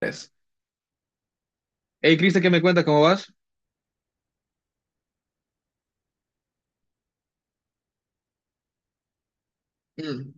Tres. Hey, Cristian, ¿qué me cuentas? ¿Cómo vas? Mm.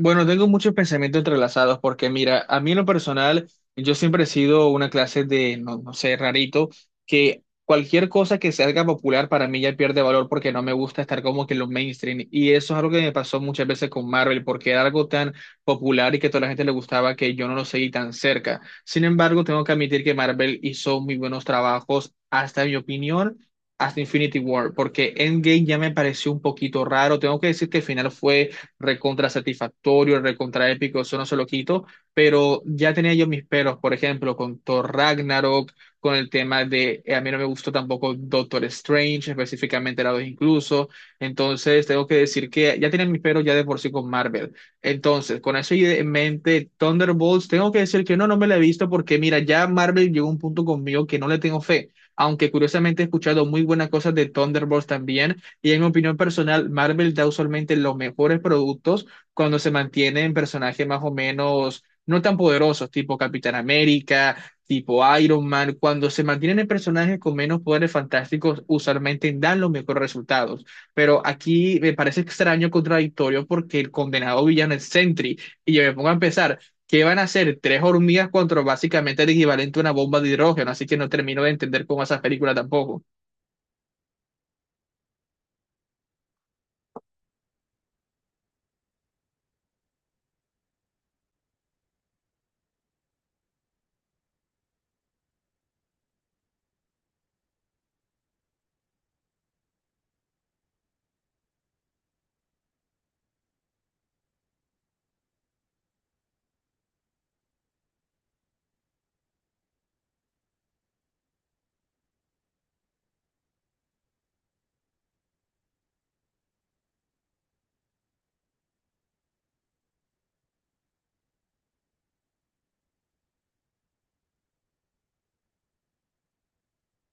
Bueno, tengo muchos pensamientos entrelazados porque mira, a mí en lo personal, yo siempre he sido una clase de, no, no sé, rarito, que cualquier cosa que se haga popular para mí ya pierde valor porque no me gusta estar como que en los mainstream. Y eso es algo que me pasó muchas veces con Marvel porque era algo tan popular y que a toda la gente le gustaba que yo no lo seguí tan cerca. Sin embargo, tengo que admitir que Marvel hizo muy buenos trabajos, hasta en mi opinión, hasta Infinity War, porque Endgame ya me pareció un poquito raro. Tengo que decir que el final fue recontra satisfactorio, recontra épico, eso no se lo quito, pero ya tenía yo mis peros, por ejemplo, con Thor Ragnarok, con el tema de, a mí no me gustó tampoco Doctor Strange, específicamente la 2 incluso. Entonces tengo que decir que ya tenía mis peros ya de por sí con Marvel. Entonces, con eso en mente, Thunderbolts, tengo que decir que no, no me la he visto porque mira, ya Marvel llegó a un punto conmigo que no le tengo fe, aunque curiosamente he escuchado muy buenas cosas de Thunderbolts también. Y en mi opinión personal, Marvel da usualmente los mejores productos cuando se mantienen personajes más o menos no tan poderosos, tipo Capitán América, tipo Iron Man. Cuando se mantienen en personajes con menos poderes fantásticos, usualmente dan los mejores resultados. Pero aquí me parece extraño, contradictorio, porque el condenado villano es Sentry. Y yo me pongo a empezar. ¿Qué van a hacer? Tres hormigas contra básicamente el equivalente a una bomba de hidrógeno. Así que no termino de entender cómo esas películas tampoco.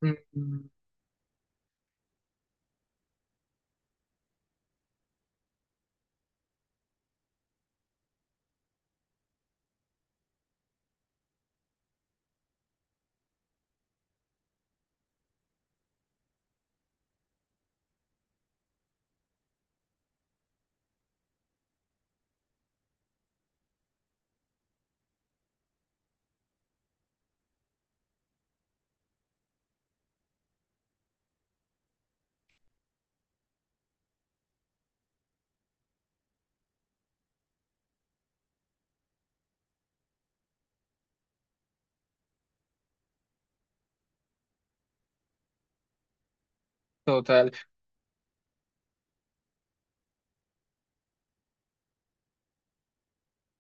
Mm. Total.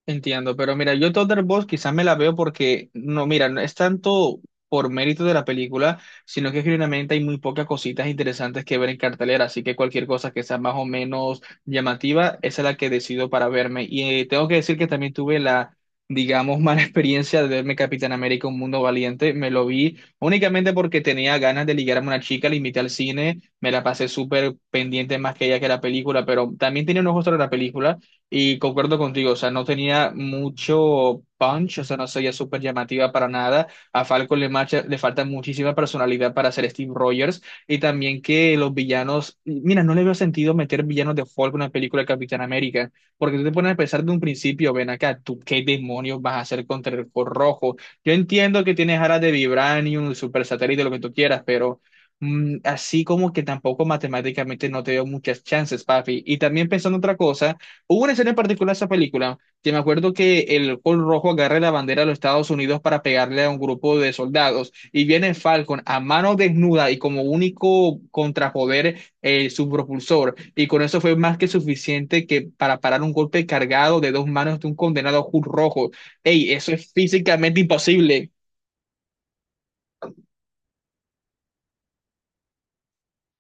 Entiendo, pero mira, yo Thunderbolts quizás me la veo porque, no, mira, no es tanto por mérito de la película, sino que genuinamente hay muy pocas cositas interesantes que ver en cartelera, así que cualquier cosa que sea más o menos llamativa, esa es la que decido para verme. Y tengo que decir que también tuve la, digamos, mala experiencia de verme Capitán América, Un Mundo Valiente. Me lo vi únicamente porque tenía ganas de ligarme a una chica, la invité al cine, me la pasé súper pendiente más que ella que la película, pero también tenía unos ojos sobre la película. Y concuerdo contigo, o sea, no tenía mucho punch, o sea, no sería súper llamativa para nada. A Falcon le, le falta muchísima personalidad para ser Steve Rogers, y también que los villanos, mira, no le veo sentido meter villanos de Hulk en una película de Capitán América, porque tú te pones a pensar de un principio, ven acá, tú qué demonios vas a hacer contra el Hulk rojo. Yo entiendo que tienes alas de Vibranium, super satélite, lo que tú quieras, pero así como que tampoco matemáticamente no te veo muchas chances, papi. Y también pensando otra cosa, hubo una escena en particular en esa película que me acuerdo que el Hulk rojo agarra la bandera de los Estados Unidos para pegarle a un grupo de soldados y viene Falcon a mano desnuda y como único contrapoder su propulsor, y con eso fue más que suficiente que para parar un golpe cargado de dos manos de un condenado Hulk rojo. Ey, eso es físicamente imposible.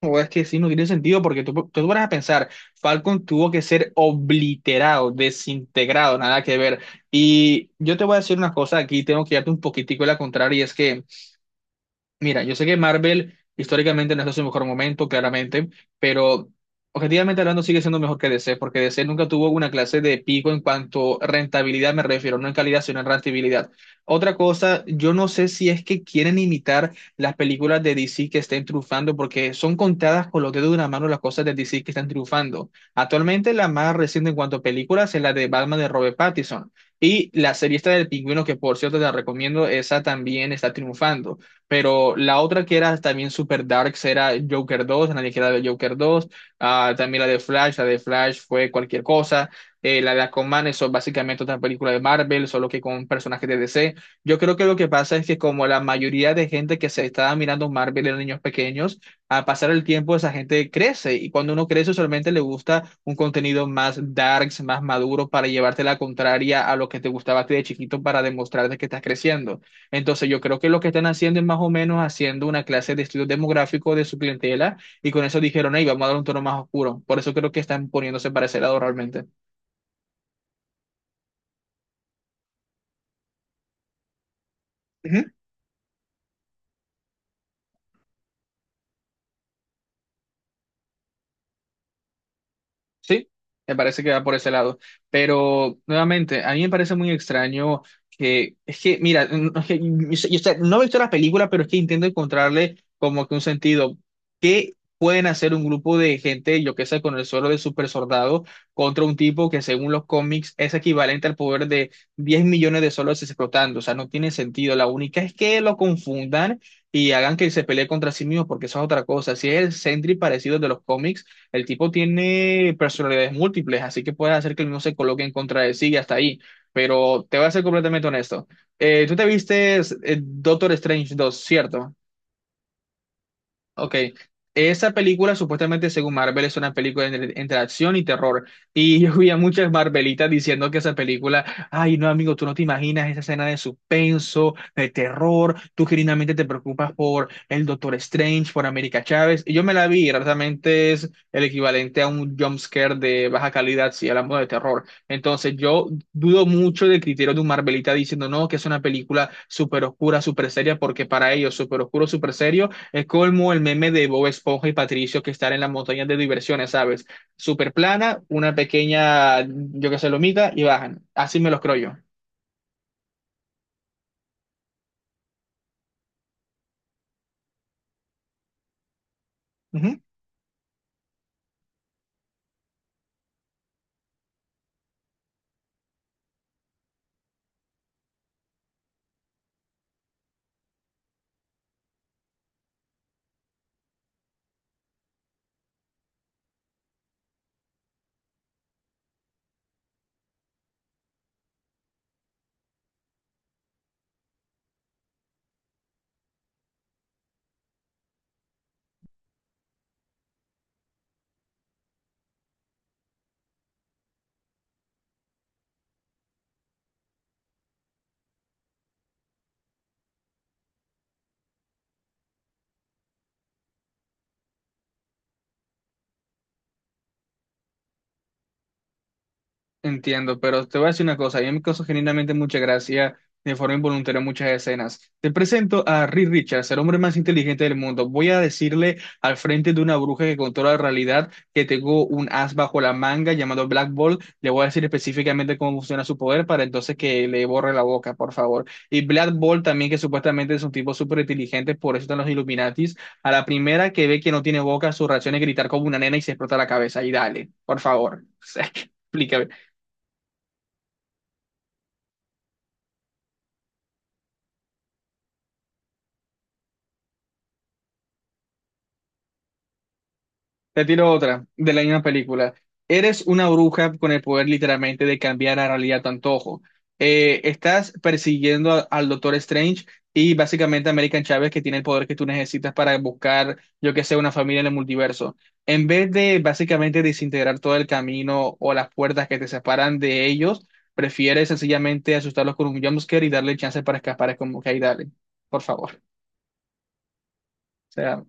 O es que sí, no tiene sentido porque tú te pones a pensar, Falcon tuvo que ser obliterado, desintegrado, nada que ver. Y yo te voy a decir una cosa aquí, tengo que darte un poquitico la contraria, y es que, mira, yo sé que Marvel históricamente no está en su mejor momento, claramente, pero objetivamente hablando sigue siendo mejor que DC, porque DC nunca tuvo una clase de pico en cuanto a rentabilidad, me refiero, no en calidad, sino en rentabilidad. Otra cosa, yo no sé si es que quieren imitar las películas de DC que estén triunfando, porque son contadas con los dedos de una mano las cosas de DC que están triunfando. Actualmente la más reciente en cuanto a películas es la de Batman de Robert Pattinson. Y la serie esta del pingüino, que por cierto te la recomiendo, esa también está triunfando. Pero la otra que era también super darks era Joker 2, nadie queda de Joker 2. Ah, también la de Flash fue cualquier cosa. La de Aquaman, eso es básicamente otra película de Marvel, solo que con personajes de DC. Yo creo que lo que pasa es que como la mayoría de gente que se estaba mirando Marvel eran niños pequeños, al pasar el tiempo esa gente crece y cuando uno crece solamente le gusta un contenido más darks, más maduro para llevarte la contraria a lo que te gustaba a ti de chiquito para demostrarte que estás creciendo. Entonces, yo creo que lo que están haciendo es más o menos haciendo una clase de estudio demográfico de su clientela, y con eso dijeron, hey, vamos a dar un tono más oscuro. Por eso creo que están poniéndose para ese lado realmente. Sí, me parece que va por ese lado. Pero nuevamente, a mí me parece muy extraño que, es que, mira, no es que no he visto la película, pero es que intento encontrarle como que un sentido. ¿Qué pueden hacer un grupo de gente, yo qué sé, con el suelo de super soldado contra un tipo que según los cómics es equivalente al poder de 10 millones de solos explotando? O sea, no tiene sentido. La única es que lo confundan y hagan que se pelee contra sí mismo, porque eso es otra cosa. Si es el Sentry parecido de los cómics, el tipo tiene personalidades múltiples, así que puede hacer que el mismo se coloque en contra de sí, y hasta ahí. Pero te voy a ser completamente honesto. Tú te viste Doctor Strange 2, ¿cierto? Ok, esa película supuestamente según Marvel es una película entre, entre acción y terror. Y yo vi a muchas Marvelitas diciendo que esa película, ay no amigo, tú no te imaginas esa escena de suspenso, de terror, tú genuinamente te preocupas por el Doctor Strange, por América Chávez. Y yo me la vi, y realmente es el equivalente a un jump scare de baja calidad si hablamos de terror. Entonces yo dudo mucho del criterio de un Marvelita diciendo no, que es una película súper oscura, súper seria, porque para ellos súper oscuro, súper serio es como el meme de Bob Esponja y Patricio que están en las montañas de diversiones, ¿sabes? Super plana, una pequeña, yo qué sé, lomita y bajan. Así me los creo yo. Ujú. Entiendo, pero te voy a decir una cosa, a mí me causó genuinamente mucha gracia de forma involuntaria muchas escenas. Te presento a Reed Richards, el hombre más inteligente del mundo. Voy a decirle al frente de una bruja que controla la realidad que tengo un as bajo la manga llamado Black Ball. Le voy a decir específicamente cómo funciona su poder para entonces que le borre la boca, por favor. Y Black Ball también, que supuestamente es un tipo súper inteligente, por eso están los Illuminatis. A la primera que ve que no tiene boca, su reacción es gritar como una nena y se explota la cabeza. Y dale, por favor. O sea, explícame. Te tiro otra de la misma película. Eres una bruja con el poder literalmente de cambiar la realidad a tu antojo. Estás persiguiendo al Doctor Strange y básicamente a American Chávez que tiene el poder que tú necesitas para buscar, yo que sé, una familia en el multiverso. En vez de básicamente desintegrar todo el camino o las puertas que te separan de ellos, prefieres sencillamente asustarlos con un jumpscare y darle chance para escapar. Es como que ahí dale, por favor. O sea,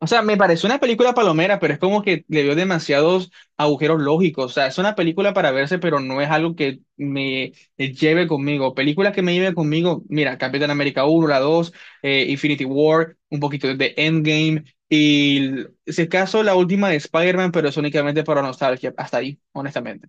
O sea, me pareció una película palomera, pero es como que le dio demasiados agujeros lógicos. O sea, es una película para verse, pero no es algo que me lleve conmigo. Películas que me lleven conmigo, mira, Capitán América uno, la 2, Infinity War, un poquito de Endgame y, si es caso, la última de Spider-Man, pero es únicamente para nostalgia. Hasta ahí, honestamente.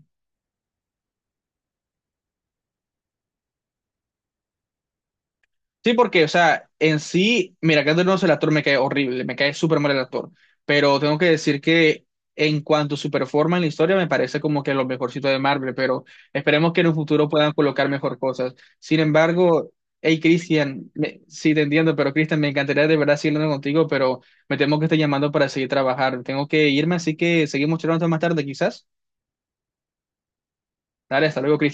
Sí, porque, o sea, en sí, mira, Keanu Reeves, el actor me cae horrible, me cae súper mal el actor, pero tengo que decir que en cuanto a su performance en la historia, me parece como que lo mejorcito de Marvel, pero esperemos que en un futuro puedan colocar mejor cosas. Sin embargo, hey, Christian, sí te entiendo, pero Cristian, me encantaría de verdad seguir hablando contigo, pero me temo que está llamando para seguir trabajando. Tengo que irme, así que seguimos charlando más tarde, quizás. Dale, hasta luego, Cristian.